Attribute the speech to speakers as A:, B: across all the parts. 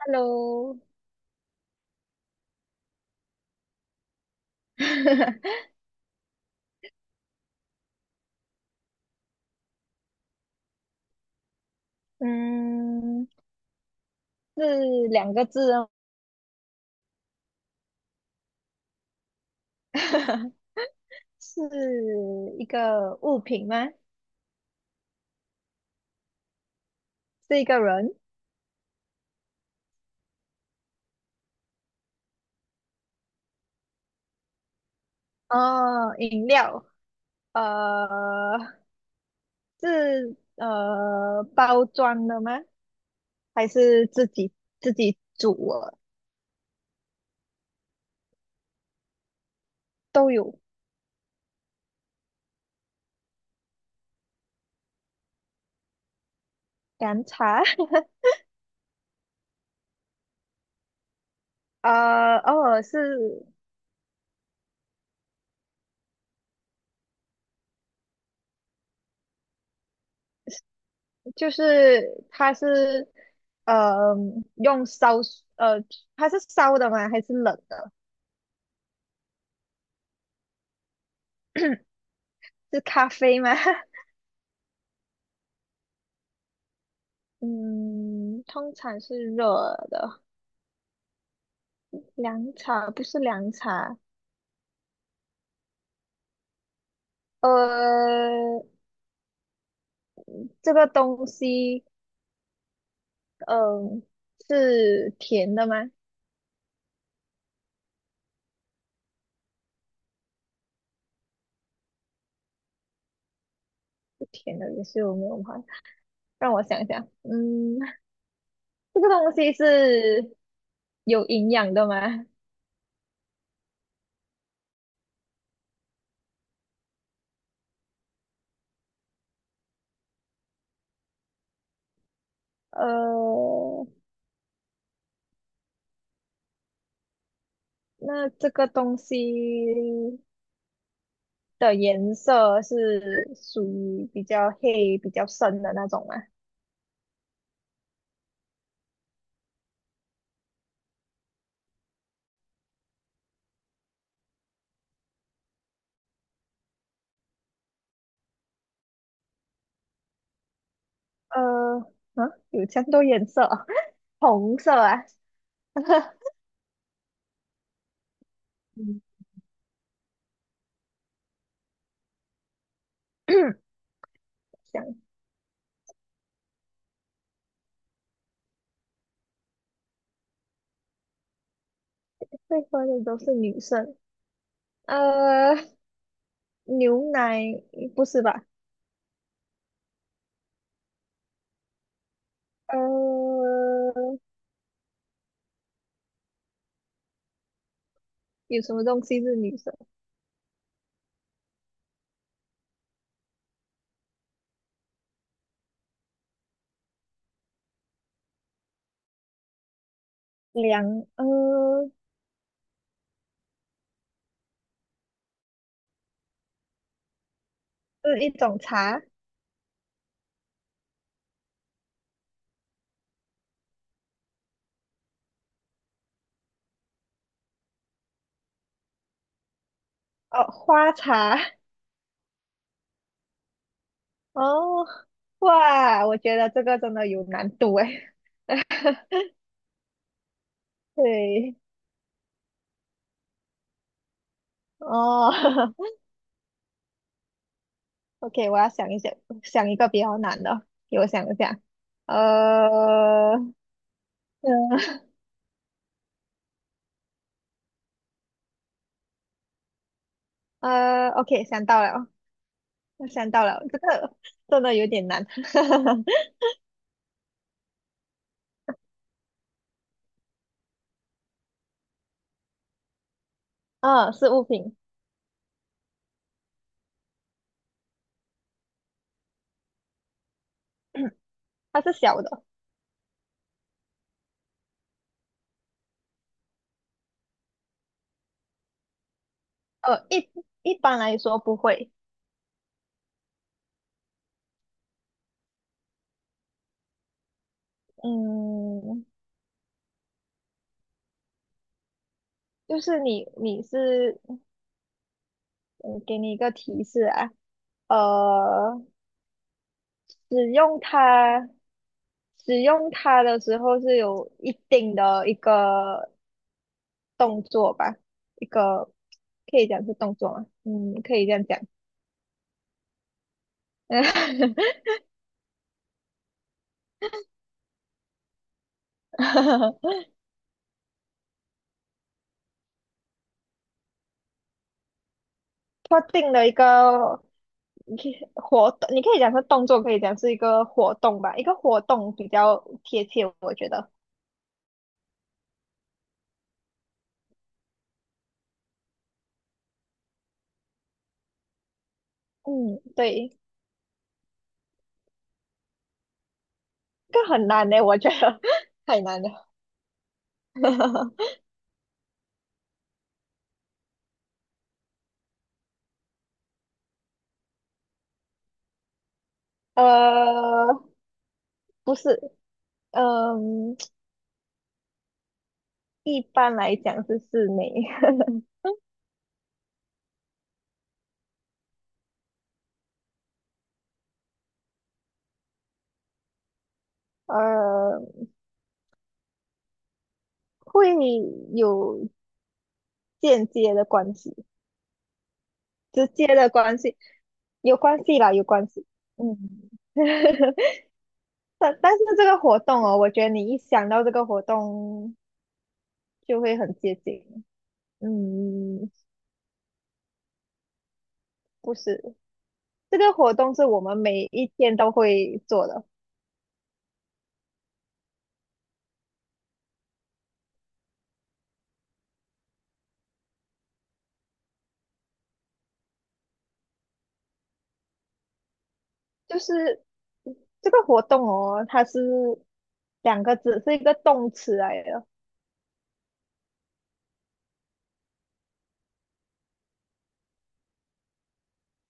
A: Hello，嗯，是两个字哦，是一个物品吗？是一个人？哦，饮料，呃，是包装的吗？还是自己煮的？都有。凉茶，呃，哦，是就是它是呃用烧，呃，它是烧的吗？还是冷的？是咖啡吗？嗯，通常是热的，凉茶不是凉茶，呃，这个东西，嗯、是甜的吗？是甜的，也是有没有吗？让我想想，嗯，这个东西是有营养的吗？呃，那这个东西的颜色是属于比较黑、比较深的那种吗？呃，啊，有这么多颜色啊 红色啊。嗯 想一下会喝的都是女生，呃，牛奶不是吧？呃，有什么东西是女生？凉，呃，是一种茶，哦，花茶，哦，哇，我觉得这个真的有难度诶。对，哦 ，OK，我要想一想，想一个比较难的，给我想一下，呃，嗯呃，OK，想到了。我想到了，这个真的有点难。嗯，是物品，它是小的。呃，一一般来说不会。嗯，就是你是，嗯，给你一个提示啊，呃，使用它使用它的时候是有一定的一个动作吧，一个可以讲是动作吗？嗯，可以这样讲。特定的一个你可以活动，你可以讲是动作，可以讲是一个活动吧，一个活动比较贴切，我觉得。嗯，对，这个很难呢，我觉得 太难了。呃，不是，嗯、一般来讲是室内，呃，会有间接的关系，直接的关系，有关系啦，有关系。嗯，但是这个活动哦，我觉得你一想到这个活动就会很接近。嗯，不是，这个活动是我们每一天都会做的，就是这个活动哦，它是两个字，是一个动词来的，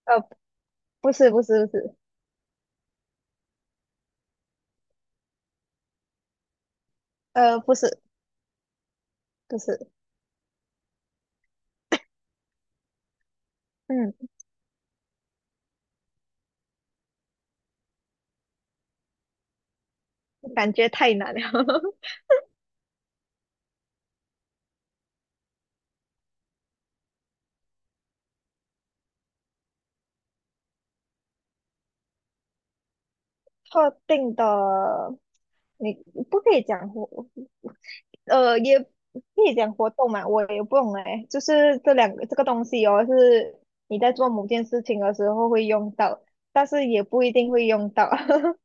A: 呃，不是，不是，不是，呃，不是，不是，嗯，感觉太难了，特定的，你不可以讲活，呃，也不可以讲活动嘛，我也不懂哎，就是这两个这个东西哦，是你在做某件事情的时候会用到，但是也不一定会用到。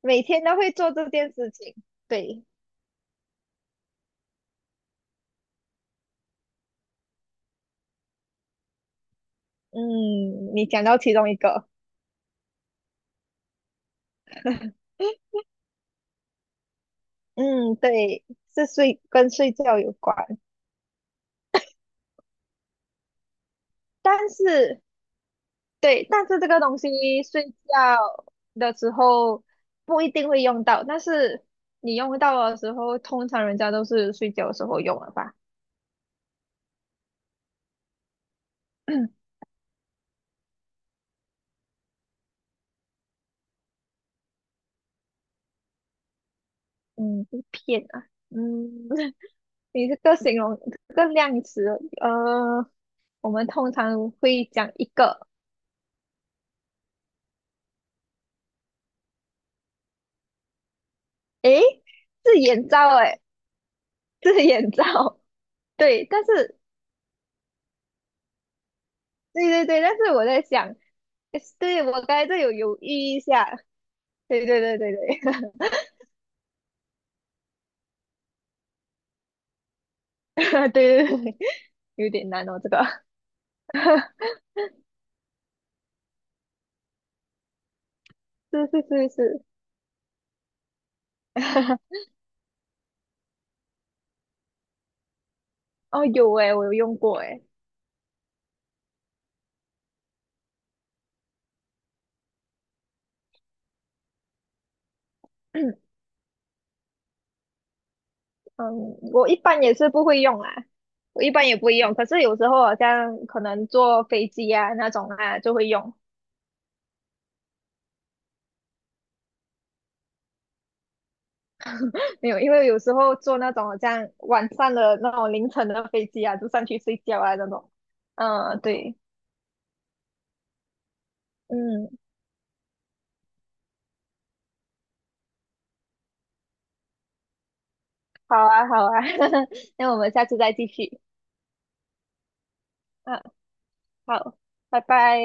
A: 每天都会做这件事情。对，嗯，你讲到其中一个，嗯，对，是睡跟睡觉有关，但是对，但是这个东西睡觉的时候不一定会用到，但是你用到的时候，通常人家都是睡觉的时候用了吧？嗯，一片啊，嗯，你这个形容这个量词，呃，我们通常会讲一个，诶，自眼罩，诶，自眼罩。对，但是对对对，但是我在想，对我刚才这有犹豫一下，对对对对对，对对对，有点难哦，这个 是是是是，哦有诶，我有用过诶，嗯，我一般也是不会用啊，我一般也不会用，可是有时候好像可能坐飞机啊那种啊就会用，没有，因为有时候坐那种好像晚上的那种凌晨的飞机啊，就上去睡觉啊那种，嗯，对。嗯，好啊，好啊，那我们下次再继续。嗯，好，拜拜。